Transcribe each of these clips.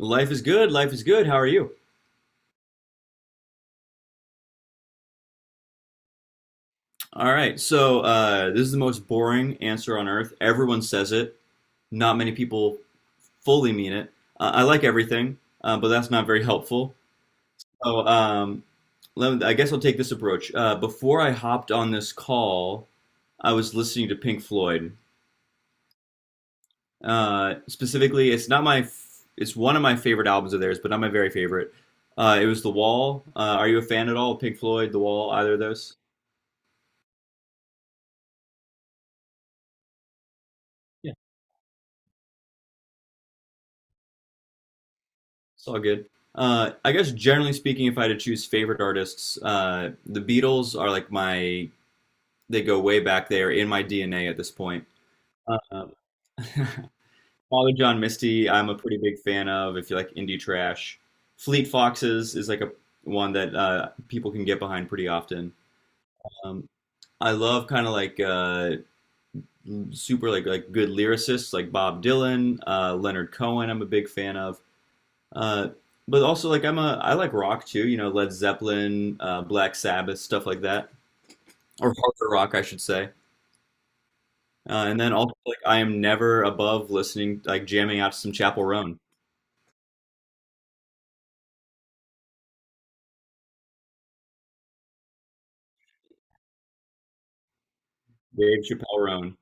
Life is good. Life is good. How are you? All right. So this is the most boring answer on earth. Everyone says it. Not many people fully mean it. I like everything, but that's not very helpful. So let me, I guess I'll take this approach. Before I hopped on this call, I was listening to Pink Floyd. Specifically, it's not my. F- it's one of my favorite albums of theirs, but not my very favorite. It was The Wall. Are you a fan at all of Pink Floyd, The Wall, either of those? Yeah. It's all good. I guess generally speaking, if I had to choose favorite artists, the Beatles are like my, they go way back. They are in my DNA at this point. Uh, Father John Misty, I'm a pretty big fan of if you like indie trash. Fleet Foxes is like a one that people can get behind pretty often. Um, I love kind of like super like good lyricists like Bob Dylan, Leonard Cohen. I'm a big fan of. Uh, but also like I like rock too, Led Zeppelin, Black Sabbath, stuff like that, or harder rock, I should say. And then also like I am never above listening, like jamming out to some Chappell Roan, Dave Chappelle Roan.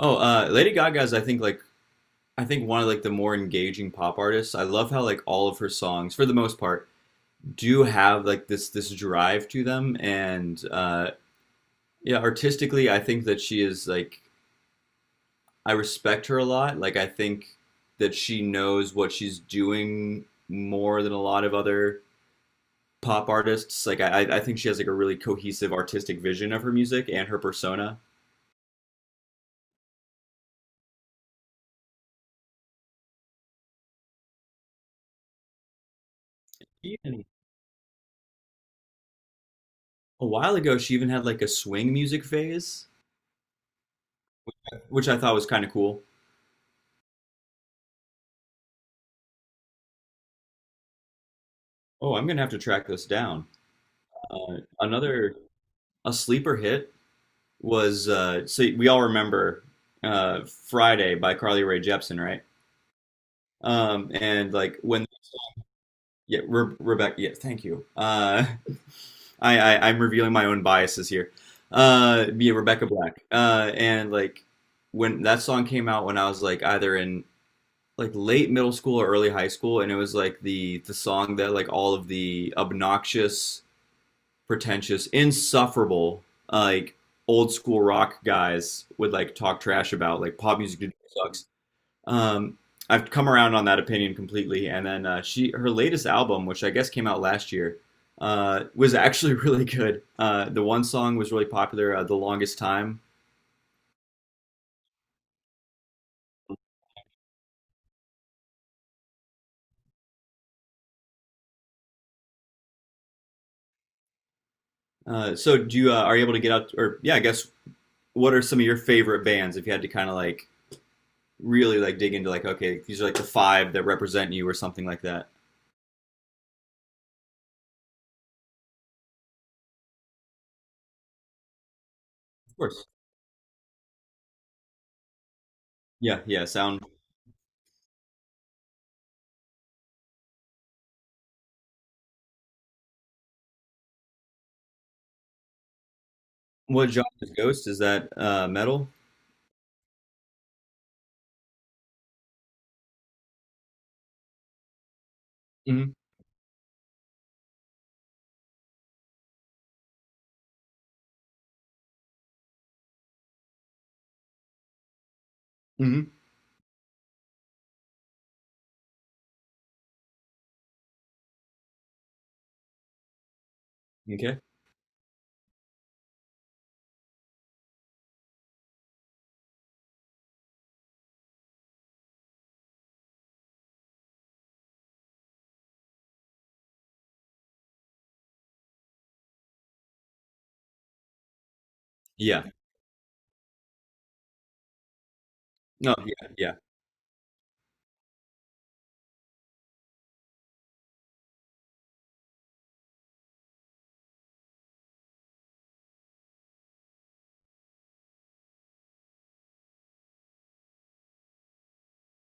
Oh, Lady Gaga's I think one of like the more engaging pop artists. I love how like all of her songs, for the most part, do have like this drive to them, and yeah, artistically, I think that she is like I respect her a lot. Like I think that she knows what she's doing more than a lot of other pop artists. Like I think she has like a really cohesive artistic vision of her music and her persona. Even a while ago, she even had like a swing music phase, which I thought was kind of cool. Oh, I'm gonna have to track this down. Another a sleeper hit was so we all remember uh, Friday by Carly Rae Jepsen, right? And like when. Yeah, Rebecca. Yeah, thank you. I'm revealing my own biases here. Yeah, Rebecca Black. And like when that song came out, when I was like either in like late middle school or early high school, and it was like the song that like all of the obnoxious, pretentious, insufferable like old school rock guys would like talk trash about, like pop music sucks um, I've come around on that opinion completely. And then her latest album, which I guess came out last year, was actually really good. The one song was really popular, "The Longest Time." So, do you are you able to get out? Or yeah, I guess what are some of your favorite bands if you had to kind of like really like dig into like okay, these are like the five that represent you or something like that? Of course. Yeah, yeah. Sound. What genre is Ghost? Is that metal? Mm-hmm. Mm-hmm. Okay. Yeah. No. Yeah. Yeah.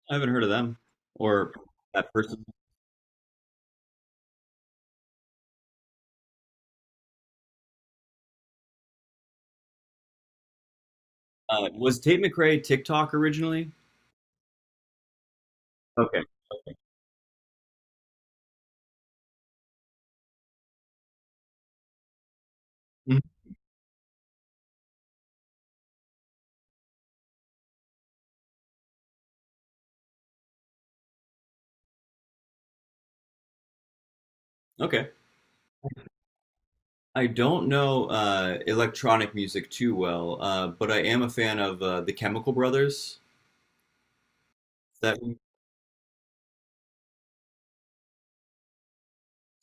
I haven't heard of them or that person. Was Tate McRae TikTok originally? Okay. Okay. Mhm. Okay. I don't know electronic music too well, but I am a fan of the Chemical Brothers. That we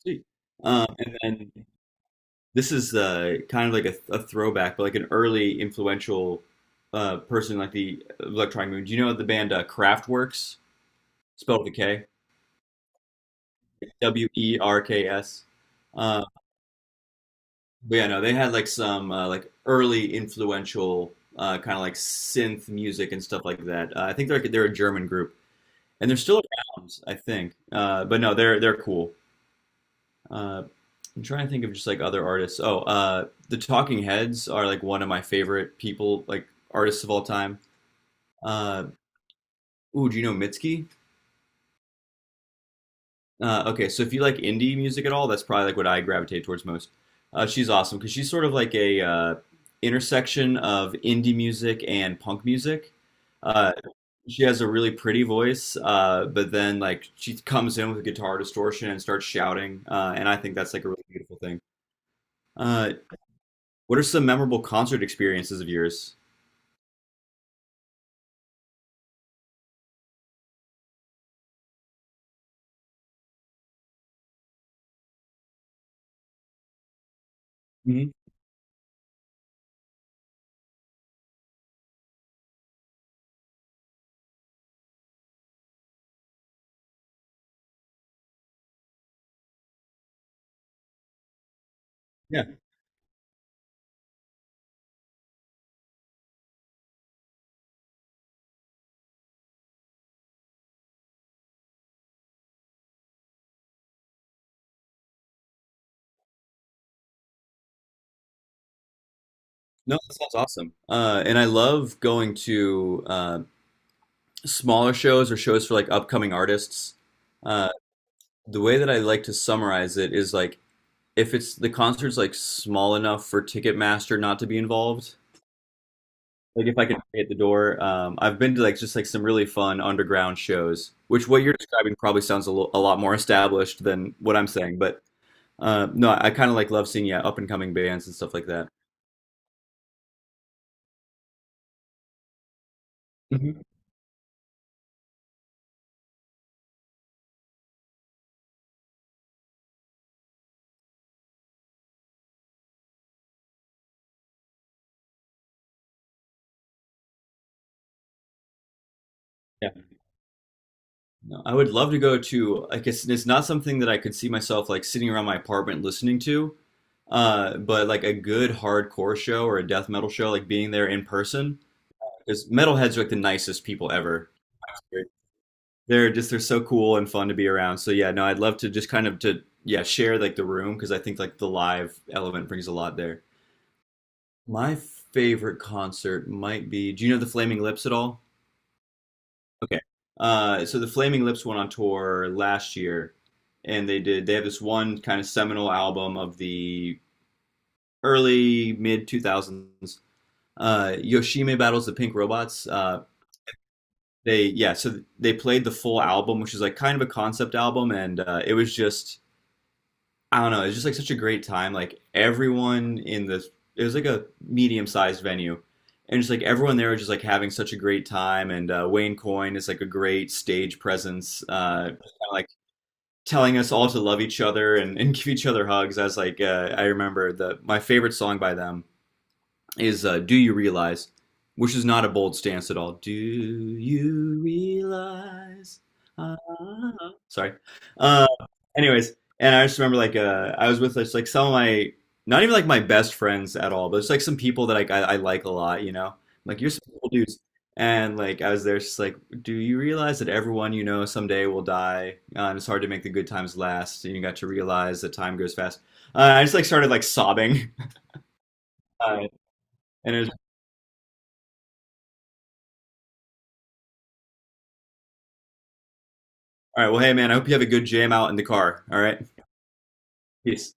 see. And then this is kind of like a throwback, but like an early influential person like the electronic movement. Do you know the band Kraftwerks? Spelled with a K. WERKS. Um, But yeah, no, they had like some like early influential kind of like synth music and stuff like that. I think they're like, they're a German group, and they're still around, I think. But no, they're cool. Uh, I'm trying to think of just like other artists. Oh, the Talking Heads are like one of my favorite people, like artists of all time. Uh, Ooh, do you know Mitski? Okay, so if you like indie music at all, that's probably like what I gravitate towards most. She's awesome because she's sort of like a intersection of indie music and punk music. Uh, she has a really pretty voice, but then like she comes in with a guitar distortion and starts shouting, and I think that's like a really beautiful thing. Uh, what are some memorable concert experiences of yours? Hmm. Yeah, no, that sounds awesome. And I love going to smaller shows or shows for like upcoming artists. Uh, the way that I like to summarize it is like if it's the concert's like small enough for Ticketmaster not to be involved, like if I can pay at the door, I've been to like just like some really fun underground shows, which what you're describing probably sounds a lot more established than what I'm saying, but no, I kind of like love seeing yeah up and coming bands and stuff like that. Mhm. Yeah, no, I would love to go to. I guess it's not something that I could see myself like sitting around my apartment listening to, but like a good hardcore show or a death metal show, like being there in person. Because metalheads are like the nicest people ever. They're- They're just they're so cool and fun to be around. So yeah, no, I'd love to just kind of to yeah share like the room because I think like the live element brings a lot there. My favorite concert might be. Do you know the Flaming Lips at all? Okay. So the Flaming Lips went on tour last year, and they did. They have this one kind of seminal album of the early mid 2000s. Yoshime battles the Pink Robots. They yeah so they played the full album, which is like kind of a concept album. And it was just I don't know, it was just like such a great time. Like everyone in the, it was like a medium sized venue, and just like everyone there was just like having such a great time. And Wayne Coyne is like a great stage presence, kinda, like telling us all to love each other and give each other hugs. I was like I remember the my favorite song by them is "Do You Realize," which is not a bold stance at all. Do you realize? Ah, sorry. Uh, Anyways, and I just remember like I was with just like some of my not even like my best friends at all, but it's like some people that like I like a lot. Like you're some cool dudes, and like I was there, just like, do you realize that everyone you know someday will die, and it's hard to make the good times last. And you got to realize that time goes fast. I just like started like sobbing, uh, and it was. All right. Well, hey, man, I hope you have a good jam out in the car. All right. Peace.